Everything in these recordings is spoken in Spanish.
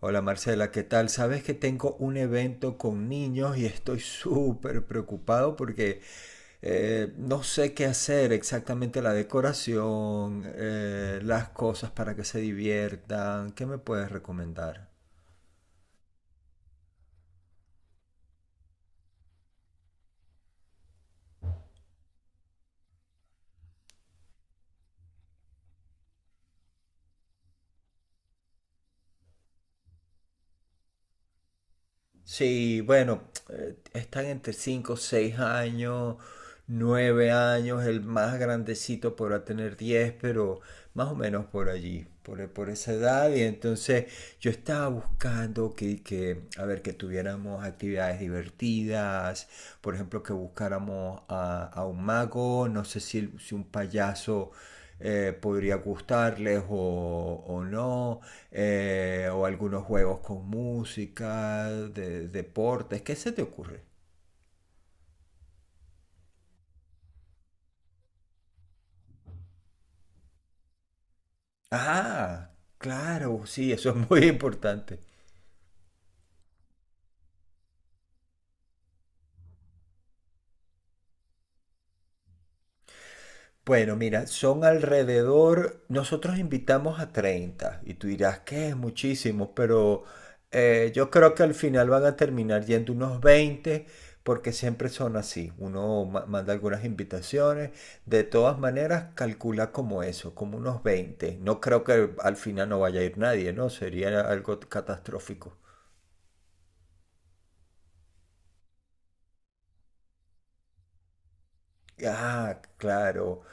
Hola Marcela, ¿qué tal? Sabes que tengo un evento con niños y estoy súper preocupado porque no sé qué hacer exactamente la decoración, las cosas para que se diviertan. ¿Qué me puedes recomendar? Sí, bueno, están entre 5, 6 años, 9 años, el más grandecito podrá tener 10, pero más o menos por allí, por esa edad. Y entonces yo estaba buscando que, a ver, que tuviéramos actividades divertidas, por ejemplo, que buscáramos a un mago, no sé si un payaso podría gustarles o no, o algunos juegos con música, deportes, ¿qué se te ocurre? Ah, claro, sí, eso es muy importante. Bueno, mira, son alrededor, nosotros invitamos a 30 y tú dirás que es muchísimo, pero yo creo que al final van a terminar yendo unos 20, porque siempre son así. Uno manda algunas invitaciones, de todas maneras calcula como eso, como unos 20. No creo que al final no vaya a ir nadie, ¿no? Sería algo catastrófico. Ah, claro.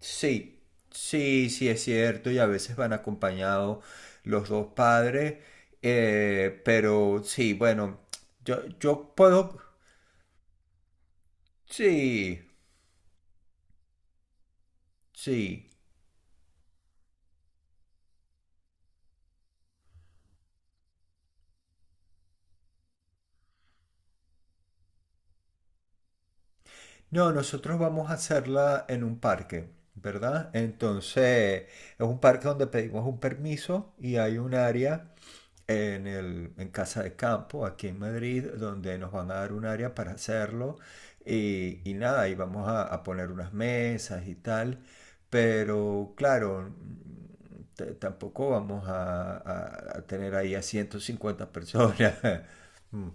Sí, sí, sí es cierto y a veces van acompañados los dos padres, pero sí, bueno, yo puedo. Sí, sí. No, nosotros vamos a hacerla en un parque, ¿verdad? Entonces, es un parque donde pedimos un permiso y hay un área en Casa de Campo, aquí en Madrid, donde nos van a dar un área para hacerlo. Y nada, y vamos a poner unas mesas y tal. Pero claro, tampoco vamos a tener ahí a 150 personas. Mm.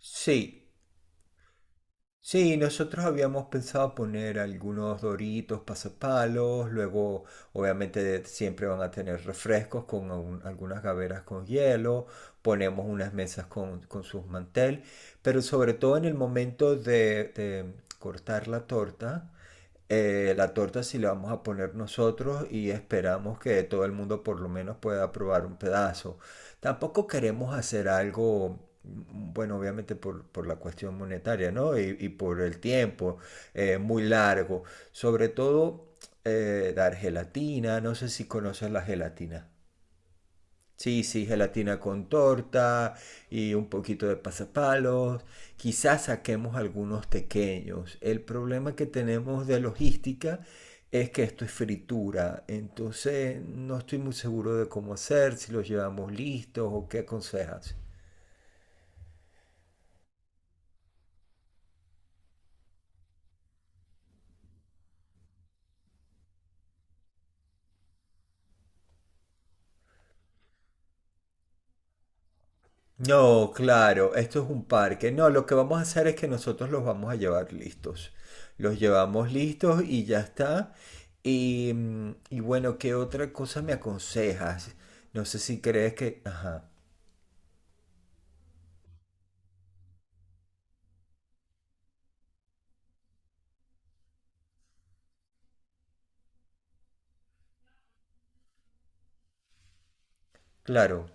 Sí, Sí, nosotros habíamos pensado poner algunos doritos, pasapalos, luego obviamente siempre van a tener refrescos con algunas gaveras con hielo, ponemos unas mesas con sus mantel, pero sobre todo en el momento de cortar la torta sí la vamos a poner nosotros y esperamos que todo el mundo por lo menos pueda probar un pedazo. Tampoco queremos hacer algo, bueno, obviamente por la cuestión monetaria, ¿no? Y por el tiempo muy largo. Sobre todo dar gelatina, no sé si conoces la gelatina. Sí, sí, gelatina con torta y un poquito de pasapalos. Quizás saquemos algunos pequeños. El problema que tenemos de logística es que esto es fritura. Entonces no estoy muy seguro de cómo hacer, si los llevamos listos o qué aconsejas. No, claro, esto es un parque. No, lo que vamos a hacer es que nosotros los vamos a llevar listos. Los llevamos listos y ya está. Y bueno, ¿qué otra cosa me aconsejas? No sé si crees que. Ajá, claro.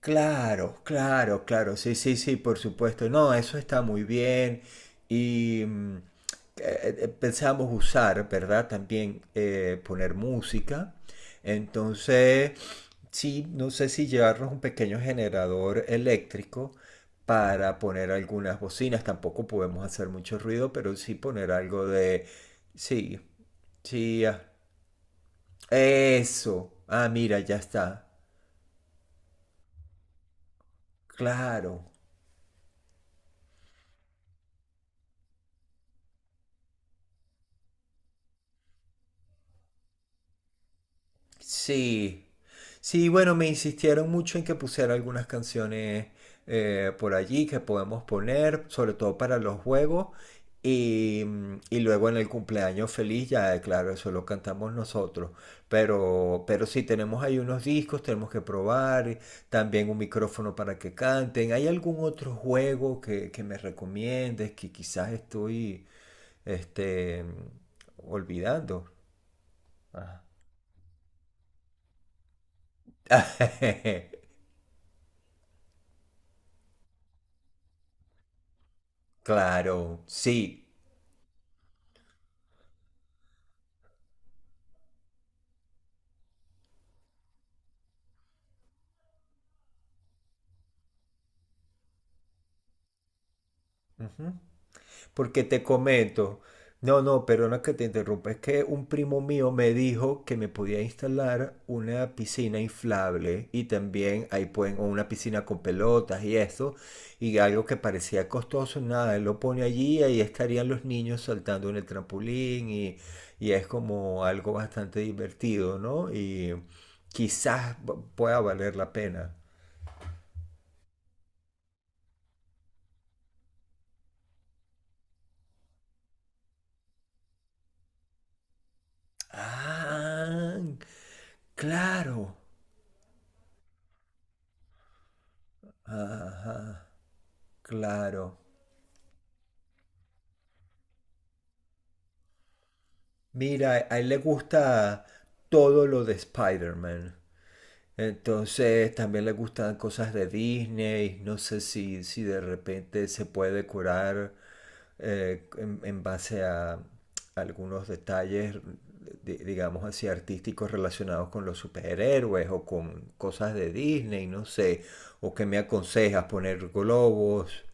Claro, claro, claro, sí, sí, sí, por supuesto. No, eso está muy bien. Y mm, Pensamos usar, ¿verdad? También poner música. Entonces, sí, no sé si llevarnos un pequeño generador eléctrico para poner algunas bocinas. Tampoco podemos hacer mucho ruido, pero sí poner algo de. Sí, sí, ah, eso. Ah, mira, ya está. Claro. Sí, sí, bueno, me insistieron mucho en que pusiera algunas canciones por allí que podemos poner, sobre todo para los juegos. Y luego en el cumpleaños feliz, ya claro, eso lo cantamos nosotros. Pero sí, tenemos ahí unos discos, tenemos que probar, también un micrófono para que canten. ¿Hay algún otro juego que me recomiendes que quizás estoy este, olvidando? Ajá. Claro, sí. Ujú. Porque te comento, no, no, perdona que te interrumpa, es que un primo mío me dijo que me podía instalar una piscina inflable y también ahí pueden, o una piscina con pelotas y eso, y algo que parecía costoso, nada, él lo pone allí y ahí estarían los niños saltando en el trampolín y es como algo bastante divertido, ¿no? Y quizás pueda valer la pena. Ah, claro. Ajá, claro. Mira, a él le gusta todo lo de Spider-Man. Entonces también le gustan cosas de Disney. No sé si de repente se puede curar en base a algunos detalles, digamos así, artísticos relacionados con los superhéroes o con cosas de Disney, no sé. O que me aconsejas poner globos.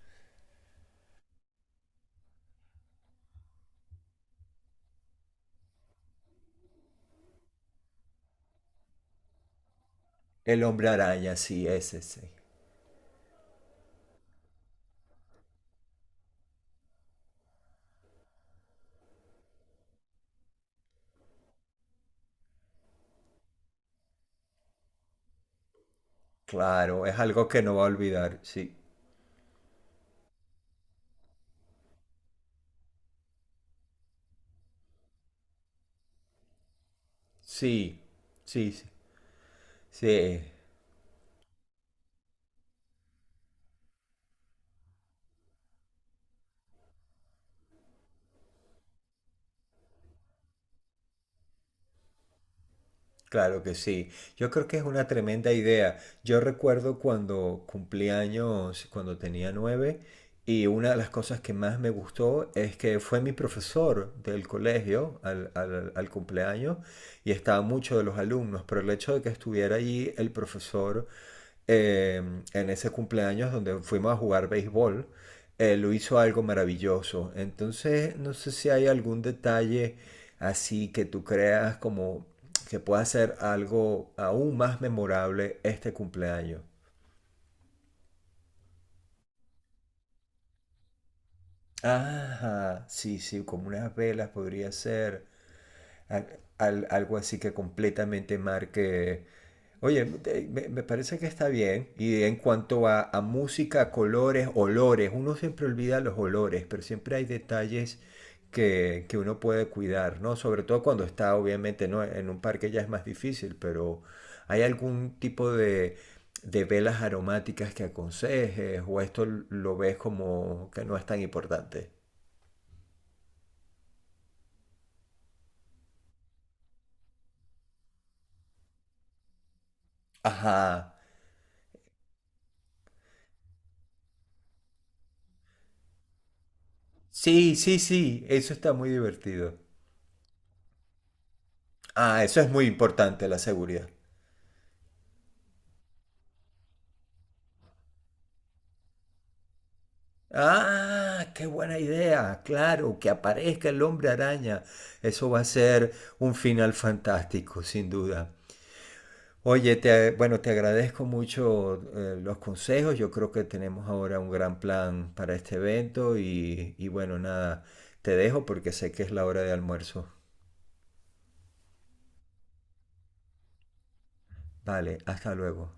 El hombre araña, sí, ese, sí. Claro, es algo que no va a olvidar, sí. Sí, sí, sí, sí, claro que sí. Yo creo que es una tremenda idea. Yo recuerdo cuando cumplí años, cuando tenía 9, y una de las cosas que más me gustó es que fue mi profesor del colegio al cumpleaños y estaban muchos de los alumnos, pero el hecho de que estuviera allí el profesor eh, en ese cumpleaños donde fuimos a jugar béisbol, lo hizo algo maravilloso. Entonces, no sé si hay algún detalle así que tú creas como que pueda ser algo aún más memorable este cumpleaños. Ajá, sí, sí, como unas velas podría ser. Algo así que completamente marque. Oye, me, parece que está bien. Y en cuanto a música, colores, olores, uno siempre olvida los olores, pero siempre hay detalles que uno puede cuidar, ¿no? Sobre todo cuando está, obviamente, ¿no? En un parque ya es más difícil, pero ¿hay algún tipo de velas aromáticas que aconsejes? ¿O esto lo ves como que no es tan importante? Ajá. Sí, sí, sí, eso está muy divertido. Ah, eso es muy importante, la seguridad. Ah, qué buena idea. Claro, que aparezca el hombre araña. Eso va a ser un final fantástico, sin duda. Oye, bueno, te agradezco mucho los consejos. Yo creo que tenemos ahora un gran plan para este evento y bueno, nada, te dejo porque sé que es la hora de almuerzo. Vale, hasta luego.